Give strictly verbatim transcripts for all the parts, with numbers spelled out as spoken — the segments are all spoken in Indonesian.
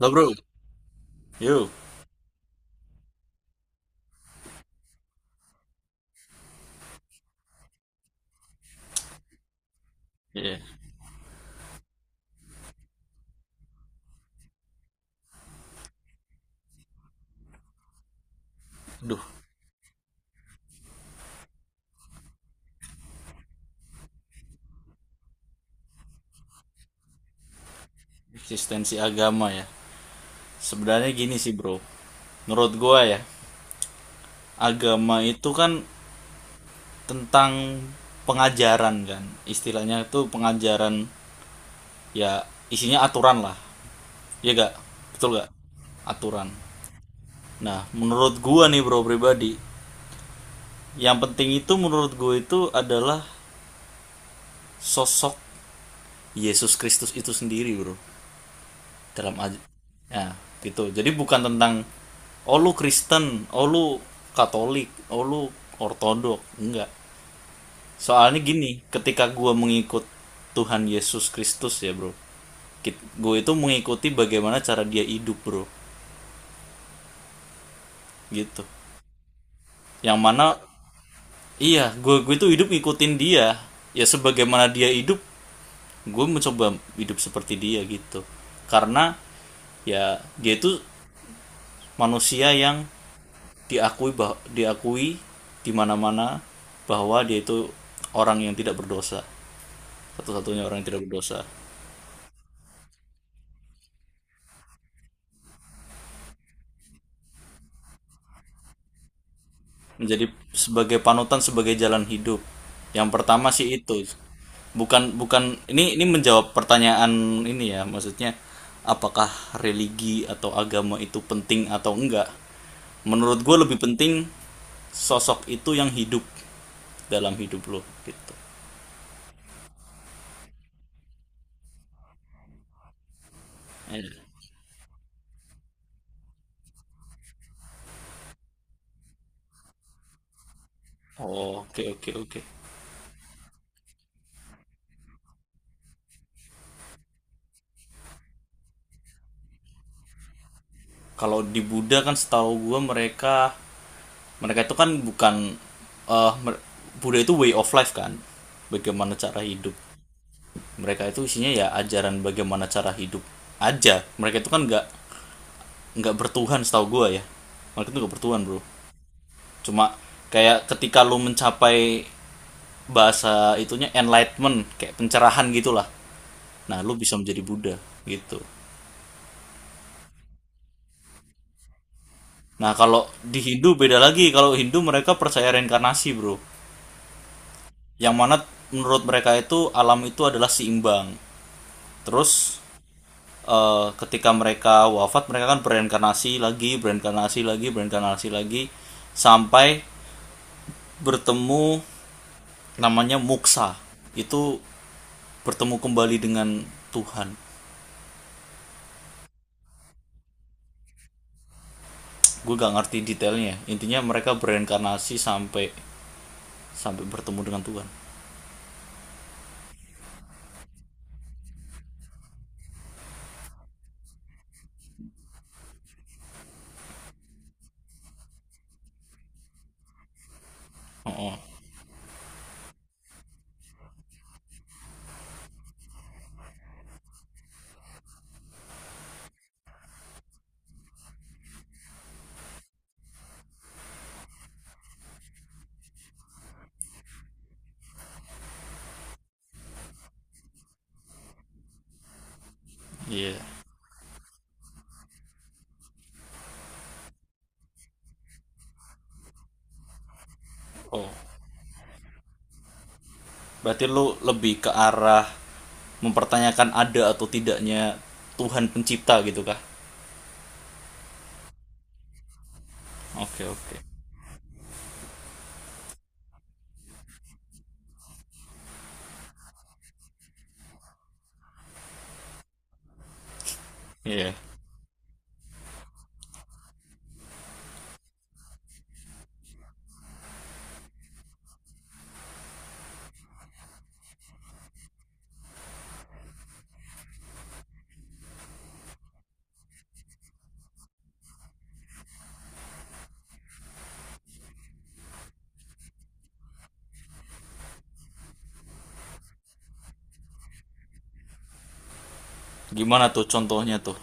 Lo bro, yo, ya, Duh, eksistensi agama ya. Sebenarnya gini sih bro, menurut gua ya, agama itu kan tentang pengajaran kan, istilahnya itu pengajaran, ya isinya aturan lah, ya gak, betul gak? Aturan. Nah, menurut gua nih bro pribadi, yang penting itu menurut gua itu adalah sosok Yesus Kristus itu sendiri bro. dalam aj- Ya gitu, jadi bukan tentang oh lu Kristen, oh lu Katolik, oh lu Ortodok, enggak. Soalnya gini, ketika gua mengikut Tuhan Yesus Kristus ya bro, gue itu mengikuti bagaimana cara dia hidup bro, gitu. Yang mana, iya, gue gue itu hidup ngikutin dia, ya sebagaimana dia hidup, gue mencoba hidup seperti dia gitu, karena ya dia itu manusia yang diakui bah diakui di mana-mana bahwa dia itu orang yang tidak berdosa, satu-satunya orang yang tidak berdosa. Menjadi sebagai panutan, sebagai jalan hidup, yang pertama sih itu. Bukan bukan, ini ini menjawab pertanyaan ini ya, maksudnya apakah religi atau agama itu penting atau enggak, menurut gue lebih penting sosok itu yang hidup dalam hidup lo gitu. Eh, oh, oke oke oke. Kalau di Buddha kan setahu gue mereka mereka itu kan bukan, eh Buddha itu way of life kan. Bagaimana cara hidup. Mereka itu isinya ya ajaran bagaimana cara hidup aja. Mereka itu kan nggak nggak bertuhan setahu gue ya. Mereka itu nggak bertuhan bro. Cuma kayak ketika lo mencapai bahasa itunya enlightenment, kayak pencerahan gitulah, nah lo bisa menjadi Buddha gitu. Nah kalau di Hindu beda lagi, kalau Hindu mereka percaya reinkarnasi bro, yang mana menurut mereka itu alam itu adalah seimbang. Terus eh, ketika mereka wafat mereka kan bereinkarnasi lagi, bereinkarnasi lagi, bereinkarnasi lagi sampai bertemu namanya muksa. Itu bertemu kembali dengan Tuhan. Gue gak ngerti detailnya. Intinya mereka bereinkarnasi sampai sampai bertemu dengan Tuhan. Oh, iya. Oh, iya. Oh, berarti lu lebih ke arah mempertanyakan ada atau tidaknya Tuhan pencipta gitu kah? Oke oke. Iya. Gimana tuh contohnya tuh?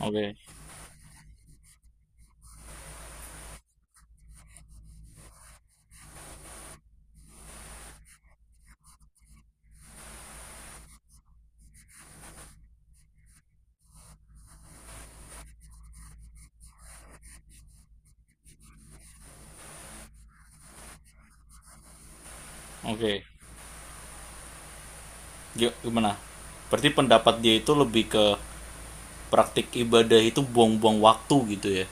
Oke. Oke. Gi- Gimana? Berarti pendapat dia itu lebih ke praktik ibadah itu buang-buang waktu gitu ya.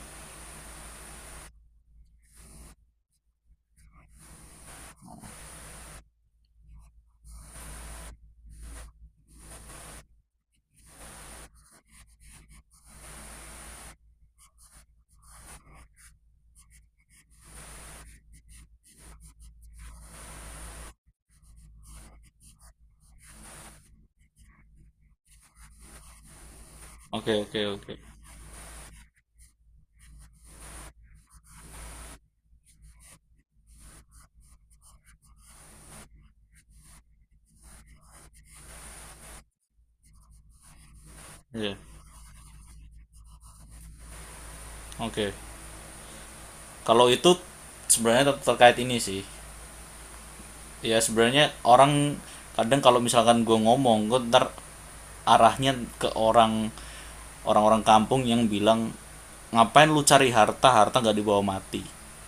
Oke oke oke. Iya. Oke. Kalau itu sebenarnya ter- terkait ini sih. Ya sebenarnya orang kadang, kalau misalkan gue ngomong, gue ntar arahnya ke orang orang-orang kampung yang bilang ngapain lu cari harta, harta nggak dibawa mati,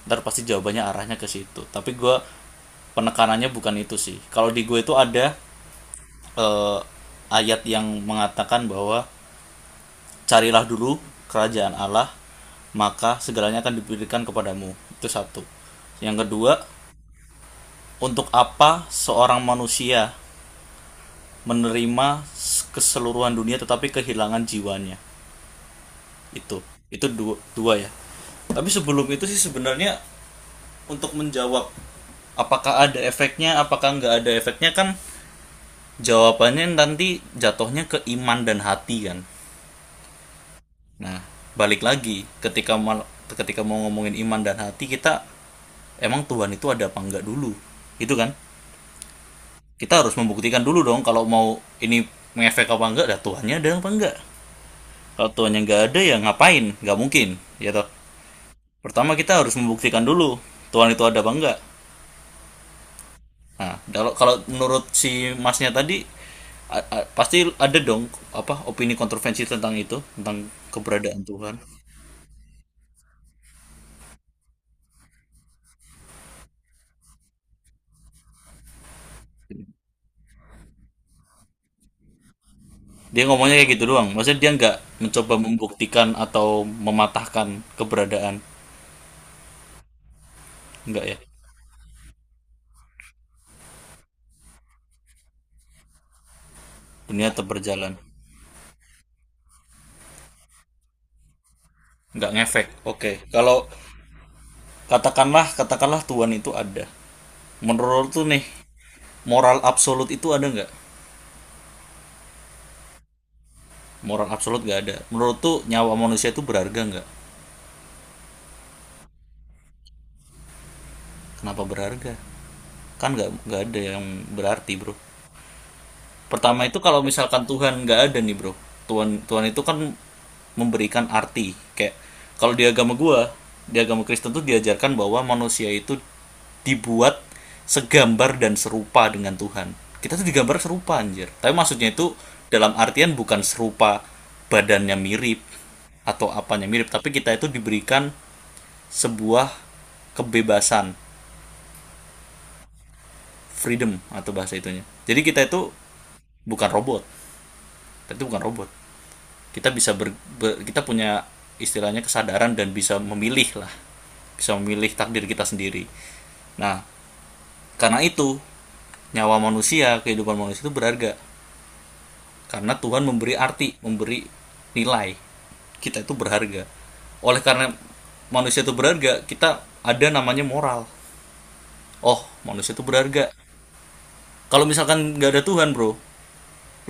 ntar pasti jawabannya arahnya ke situ. Tapi gue penekanannya bukan itu sih. Kalau di gue itu ada eh, ayat yang mengatakan bahwa carilah dulu kerajaan Allah maka segalanya akan diberikan kepadamu, itu satu. Yang kedua, untuk apa seorang manusia menerima keseluruhan dunia tetapi kehilangan jiwanya? Itu. Itu dua, dua ya. Tapi sebelum itu sih sebenarnya, untuk menjawab apakah ada efeknya, apakah nggak ada efeknya, kan jawabannya nanti jatuhnya ke iman dan hati kan. Nah, balik lagi, ketika mal- ketika mau ngomongin iman dan hati, kita emang Tuhan itu ada apa enggak dulu. Itu kan? Kita harus membuktikan dulu dong, kalau mau ini mengefek apa enggak, dah tuannya ada apa enggak. Kalau tuannya nggak ada ya ngapain, nggak mungkin ya toh. Pertama kita harus membuktikan dulu Tuhan itu ada apa enggak. Nah, kalau kalau menurut si masnya tadi, a- a- pasti ada dong, apa opini kontroversi tentang itu, tentang keberadaan Tuhan. Dia ngomongnya kayak gitu doang, maksudnya dia nggak mencoba membuktikan atau mematahkan keberadaan, enggak ya. Dunia tetap berjalan, nggak ngefek. Oke, kalau katakanlah katakanlah Tuhan itu ada, menurut tuh nih, moral absolut itu ada nggak? Moral absolut nggak ada. Menurut tuh nyawa manusia itu berharga nggak? Kenapa berharga? Kan nggak nggak ada yang berarti bro. Pertama itu, kalau misalkan Tuhan nggak ada nih bro, Tuhan Tuhan itu kan memberikan arti. Kayak kalau di agama gua, di agama Kristen tuh diajarkan bahwa manusia itu dibuat segambar dan serupa dengan Tuhan. Kita tuh digambar serupa anjir. Tapi maksudnya itu dalam artian bukan serupa badannya mirip atau apanya mirip, tapi kita itu diberikan sebuah kebebasan, freedom atau bahasa itunya. Jadi kita itu bukan robot, kita itu bukan robot, kita bisa ber, ber- kita punya istilahnya kesadaran dan bisa memilih lah, bisa memilih takdir kita sendiri. Nah karena itu nyawa manusia, kehidupan manusia itu berharga, karena Tuhan memberi arti, memberi nilai, kita itu berharga. Oleh karena manusia itu berharga, kita ada namanya moral. Oh, manusia itu berharga. Kalau misalkan nggak ada Tuhan bro,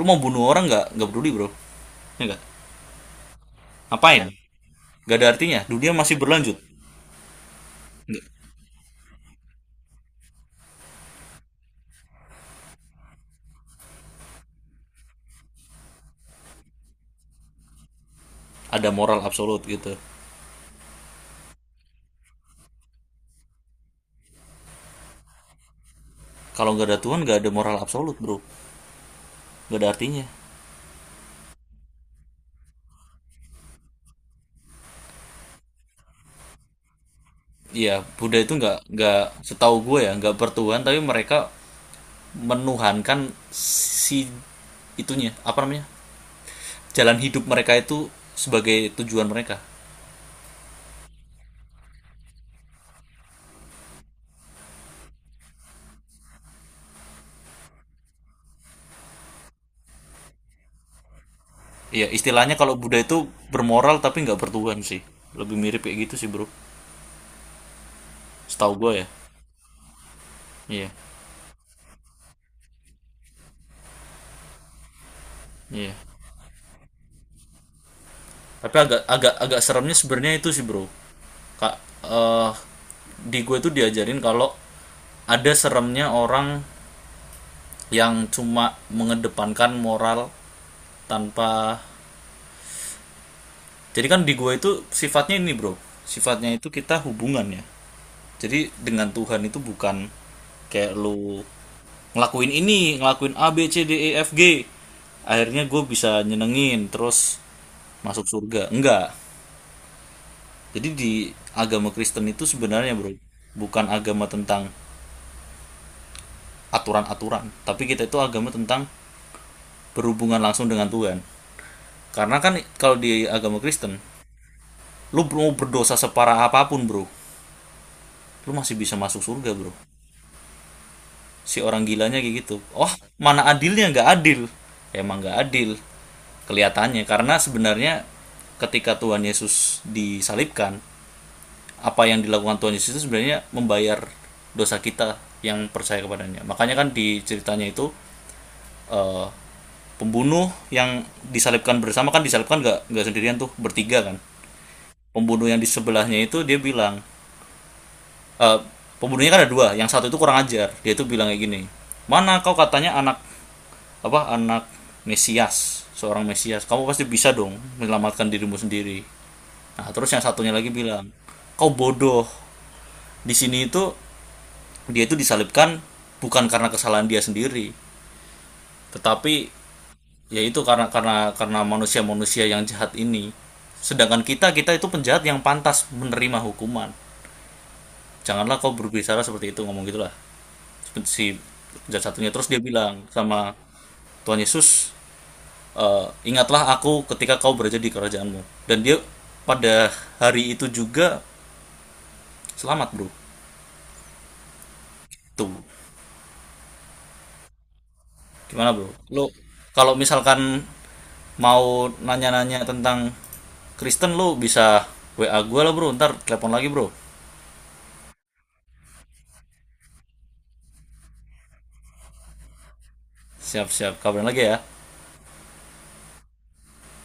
lu mau bunuh orang nggak nggak peduli bro, ya nggak, ngapain, nggak ada artinya, dunia masih berlanjut. Nggak. Ada moral absolut gitu. Kalau nggak ada Tuhan, nggak ada moral absolut bro, nggak ada artinya. Iya, Buddha itu nggak nggak setahu gue ya, nggak bertuhan, tapi mereka menuhankan si itunya, apa namanya, jalan hidup mereka itu sebagai tujuan mereka. Iya istilahnya kalau Buddha itu bermoral tapi nggak bertuhan sih, lebih mirip kayak gitu sih bro, setahu gue ya. Iya iya. Tapi agak agak agak seremnya sebenarnya itu sih bro, kak eh, di gue tuh diajarin kalau ada seremnya orang yang cuma mengedepankan moral tanpa. Jadi kan di gue itu sifatnya ini bro, sifatnya itu kita hubungan ya, jadi dengan Tuhan itu bukan kayak lu ngelakuin ini, ngelakuin A B C D E F G akhirnya gue bisa nyenengin terus masuk surga, enggak. Jadi di agama Kristen itu sebenarnya bro, bukan agama tentang aturan-aturan, tapi kita itu agama tentang berhubungan langsung dengan Tuhan. Karena kan kalau di agama Kristen, lu mau berdosa separah apapun bro, lu masih bisa masuk surga bro. Si orang gilanya kayak gitu. Oh, mana adilnya, nggak adil? Emang nggak adil kelihatannya, karena sebenarnya ketika Tuhan Yesus disalibkan, apa yang dilakukan Tuhan Yesus itu sebenarnya membayar dosa kita yang percaya kepadanya. Makanya kan di ceritanya itu, eh, pembunuh yang disalibkan bersama kan, disalibkan nggak nggak sendirian tuh, bertiga kan. Pembunuh yang di sebelahnya itu dia bilang, eh, pembunuhnya kan ada dua, yang satu itu kurang ajar. Dia itu bilang kayak gini, mana kau katanya anak, apa anak Mesias, seorang Mesias, kamu pasti bisa dong menyelamatkan dirimu sendiri. Nah terus yang satunya lagi bilang, kau bodoh, di sini itu dia itu disalibkan bukan karena kesalahan dia sendiri, tetapi yaitu karena karena karena manusia-manusia yang jahat ini, sedangkan kita kita itu penjahat yang pantas menerima hukuman, janganlah kau berbicara seperti itu, ngomong gitulah si penjahat satunya. Terus dia bilang sama Tuhan Yesus, "Eh, ingatlah aku ketika kau berada di kerajaanmu," dan dia pada hari itu juga selamat bro. Tuh, gimana bro lo, kalau misalkan mau nanya-nanya tentang Kristen, lu bisa W A gue lah bro, ntar telepon lagi bro, siap-siap kabarin lagi ya